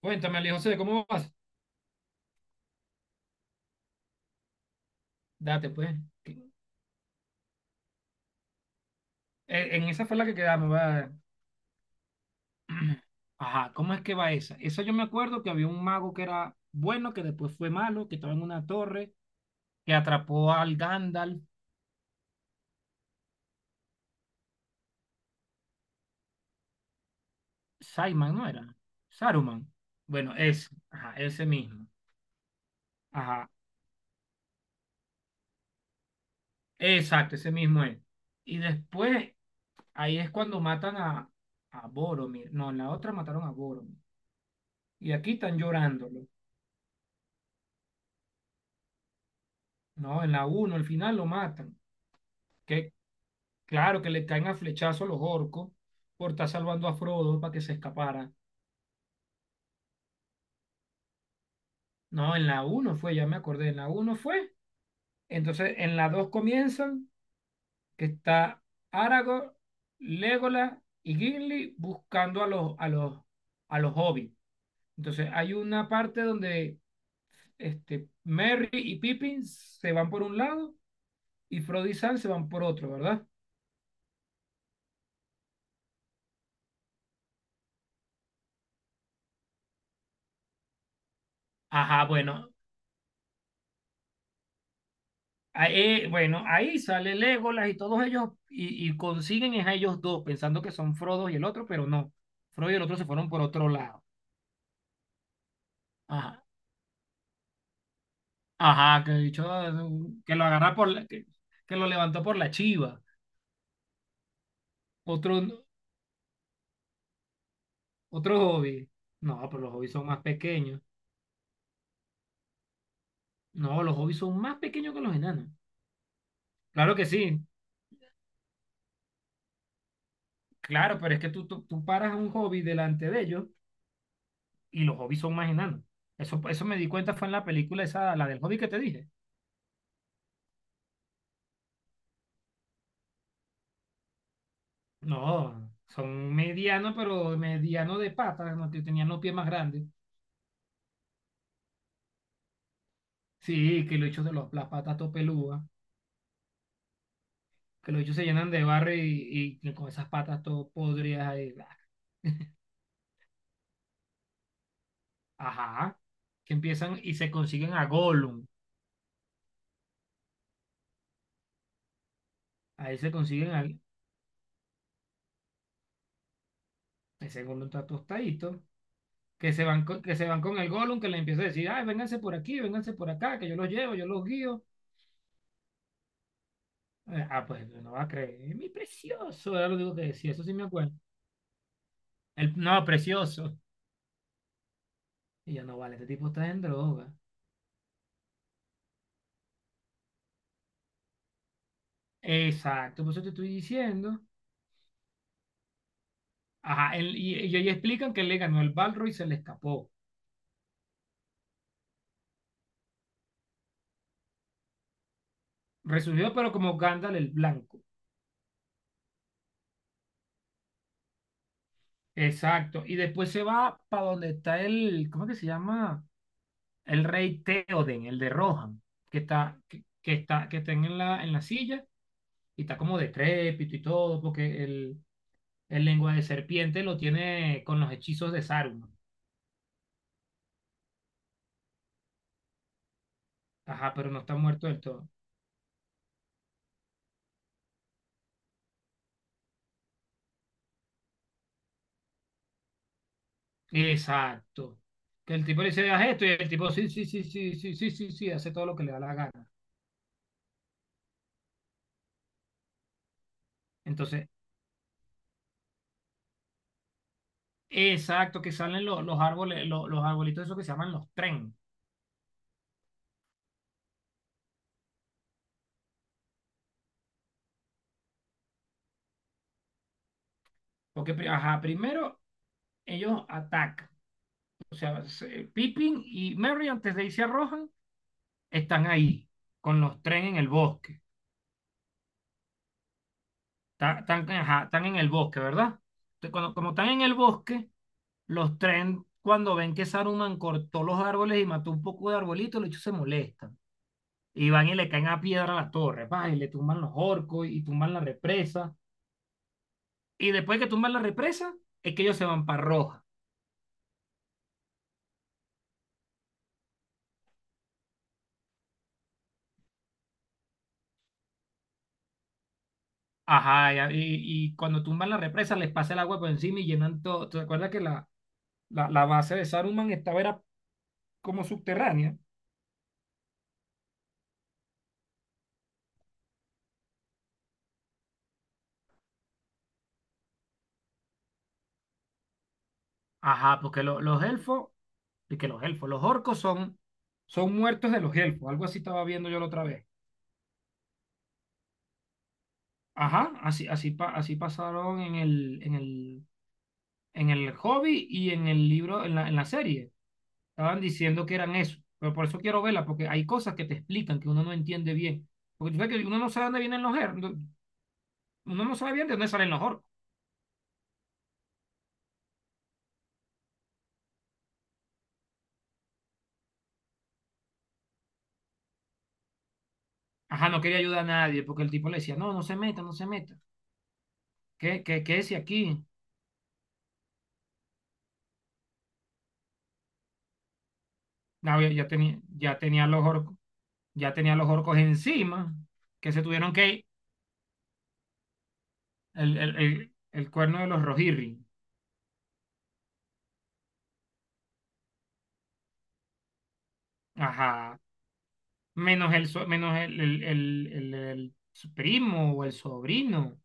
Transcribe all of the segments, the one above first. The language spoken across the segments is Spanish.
Cuéntame, Ali José, ¿cómo vas? Date, pues. Que- En esa fue la que quedamos, va. Ajá, ¿cómo es que va esa? Esa yo me acuerdo que había un mago que era bueno, que después fue malo, que estaba en una torre, que atrapó al Gandalf. Saiman, ¿no era? Saruman. Bueno, ese, ajá, ese mismo. Ajá, exacto, ese mismo es. Y después, ahí es cuando matan a Boromir. No, en la otra mataron a Boromir. Y aquí están llorándolo. No, en la uno, al final lo matan. ¿Qué, Claro que le caen a flechazo los orcos por estar salvando a Frodo para que se escapara. No, en la uno fue, ya me acordé, en la uno fue. Entonces, en la 2 comienzan que está Aragorn, Legolas y Gimli buscando a los hobbits. Entonces, hay una parte donde Merry y Pippin se van por un lado y Frodo y Sam se van por otro, ¿verdad? Ajá, bueno, ahí, bueno, ahí sale Legolas y todos ellos y consiguen es a ellos dos, pensando que son Frodo y el otro, pero no. Frodo y el otro se fueron por otro lado. Ajá, ajá, que el bicho, que lo agarra por la, que, que lo levantó por la chiva. Otro, otro hobbit. No, pero los hobbits son más pequeños. No, los hobbits son más pequeños que los enanos. Claro que sí, claro, pero es que tú paras a un hobbit delante de ellos y los hobbits son más enanos. Eso me di cuenta fue en la película esa, la del hobbit que te dije. No, son medianos, pero mediano de patas, ¿no? Que tenían los pies más grandes. Sí, que los hechos las patas todo pelúas, que los hechos se llenan de barro y con esas patas todo podridas ahí. Bla. Ajá, que empiezan y se consiguen a Gollum. Ahí se consiguen al. Ese Gollum está tostadito. Que se van con el Gollum, que le empieza a decir, ay, vénganse por aquí, vénganse por acá, que yo los llevo, yo los guío. Ah, pues no va a creer, mi precioso, era lo digo que decía, eso sí me acuerdo. El, no, precioso. Y yo, no, vale, este tipo está en droga. Exacto, por eso te estoy diciendo. Ajá, y ahí explican que él le ganó el Balrog y se le escapó. Resurgió, pero como Gandalf el Blanco. Exacto, y después se va para donde está el, ¿cómo que se llama? El rey Theoden, el de Rohan, que está en la silla y está como decrépito y todo, porque el lengua de serpiente lo tiene con los hechizos de Saruman. Ajá, pero no está muerto del todo. Exacto. Que el tipo le dice, haz esto, y el tipo, sí, sí, sí, sí, sí, sí, sí, sí, hace todo lo que le da la gana. Entonces, exacto, que salen los árboles, los arbolitos esos que se llaman los tren. Porque, ajá, primero ellos atacan. O sea, Pippin y Merry, antes de irse a Rohan, están ahí, con los tren en el bosque. Están, ajá, están en el bosque, ¿verdad? Entonces, cuando, como están en el bosque, los tren, cuando ven que Saruman cortó los árboles y mató un poco de arbolitos, los hechos se molestan. Y van y le caen a piedra a la torre, van y le tumban los orcos y tumban la represa. Y después que tumban la represa, es que ellos se van para Roja. Ajá, y cuando tumban la represa les pasa el agua por encima y llenan todo. ¿Te acuerdas que la base de Saruman estaba era como subterránea? Ajá, porque los elfos, y que los elfos, los orcos son muertos de los elfos, algo así estaba viendo yo la otra vez. Ajá, así, así, así pasaron en el Hobbit y en el libro, en la serie. Estaban diciendo que eran eso, pero por eso quiero verla, porque hay cosas que te explican que uno no entiende bien. Porque tú sabes que uno no sabe dónde vienen los orcos. Uno no sabe bien de dónde salen los orcos. Ajá, no quería ayudar a nadie, porque el tipo le decía, no, no se meta, no se meta. ¿Qué es aquí? No, ya, tenía, ya tenía los orcos encima, que se tuvieron que ir. El cuerno de los Rohirrim. Ajá. Menos el el primo o el sobrino.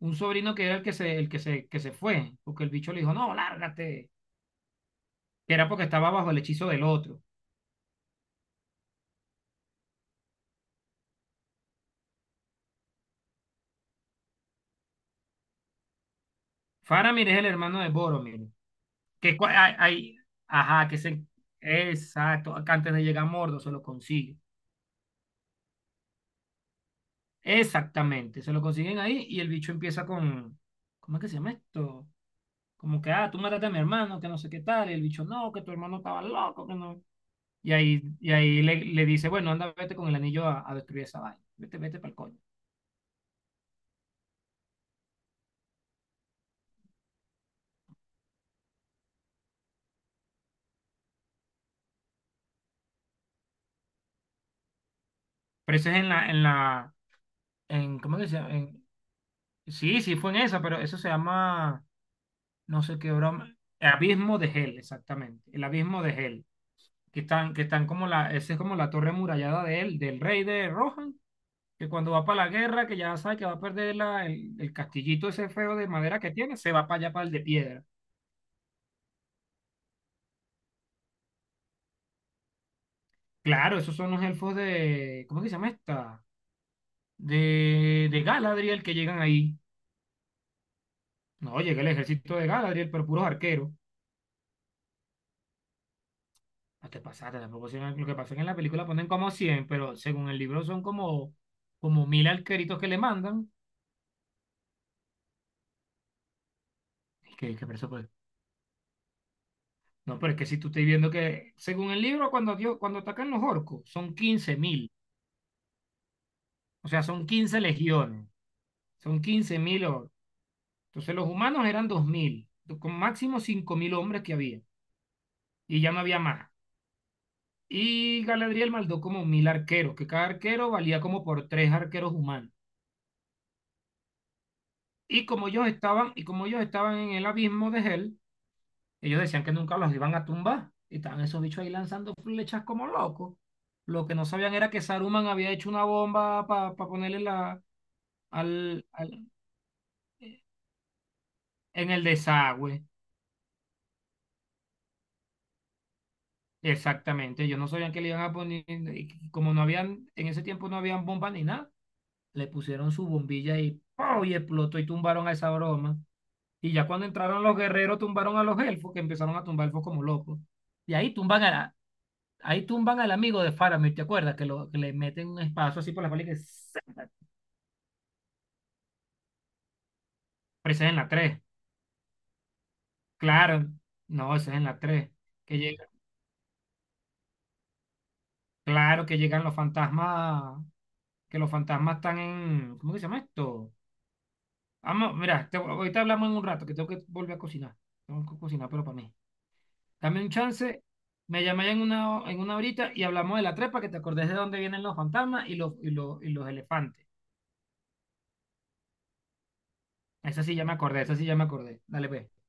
Un sobrino que era que se fue, porque el bicho le dijo, no, lárgate, que era porque estaba bajo el hechizo del otro. Faramir es el hermano de Boromir, que cua- hay- ajá, exacto, que antes de llegar a Mordo se lo consigue. Exactamente, se lo consiguen ahí y el bicho empieza con, ¿cómo es que se llama esto? Como que, ah, tú mataste a mi hermano, que no sé qué tal, y el bicho, no, que tu hermano estaba loco, que no. Y ahí le dice, bueno, anda, vete con el anillo a destruir esa vaina, vete, vete para el coño. Pero eso es en, ¿cómo que se llama? Sí, sí fue en esa, pero eso se llama, no sé qué broma, Abismo de Hell, exactamente, el Abismo de Hell, que están como la, esa es como la torre murallada de él, del rey de Rohan, que cuando va para la guerra, que ya sabe que va a perder el castillito ese feo de madera que tiene, se va para allá, para el de piedra. Claro, esos son los elfos de, ¿cómo que se llama esta? De Galadriel que llegan ahí. No, llega el ejército de Galadriel, pero puros arqueros. No te pasaste, tampoco son- lo que pasa es que en la película ponen como 100, pero según el libro son como 1000 alqueritos que le mandan. Es que por eso, pues, no, pero es que si tú estás viendo que, según el libro, cuando, Dios, cuando atacan los orcos, son 15.000, o sea, son 15 legiones, son 15.000 orcos. Entonces los humanos eran 2000, con máximo 5000 hombres que había, y ya no había más. Y Galadriel mandó como 1000 arqueros, que cada arquero valía como por tres arqueros humanos. Y como ellos estaban en el abismo de Hel. Ellos decían que nunca los iban a tumbar y estaban esos bichos ahí lanzando flechas como locos. Lo que no sabían era que Saruman había hecho una bomba para ponerle la, al, al- en el desagüe. Exactamente, ellos no sabían que le iban a poner, y como no habían, en ese tiempo no habían bombas ni nada, le pusieron su bombilla y ¡pau! Y explotó y tumbaron a esa broma. Y ya cuando entraron los guerreros, tumbaron a los elfos, que empezaron a tumbar elfos como locos. Y ahí tumban a, Ahí tumban al amigo de Faramir, ¿te acuerdas? Que le meten un espacio así por la espalda y que... ¡zas! Pero ese es en la 3. Claro. No, ese es en la 3. Que llega, claro que llegan los fantasmas... Que los fantasmas están en... ¿Cómo que se llama esto? Vamos, mira, ahorita hablamos en un rato, que tengo que volver a cocinar. Tengo que cocinar, pero para mí. Dame un chance, me llamé en una horita y hablamos de la trepa, que te acordés de dónde vienen los fantasmas y los elefantes. Esa sí ya me acordé, esa sí ya me acordé. Dale, pues.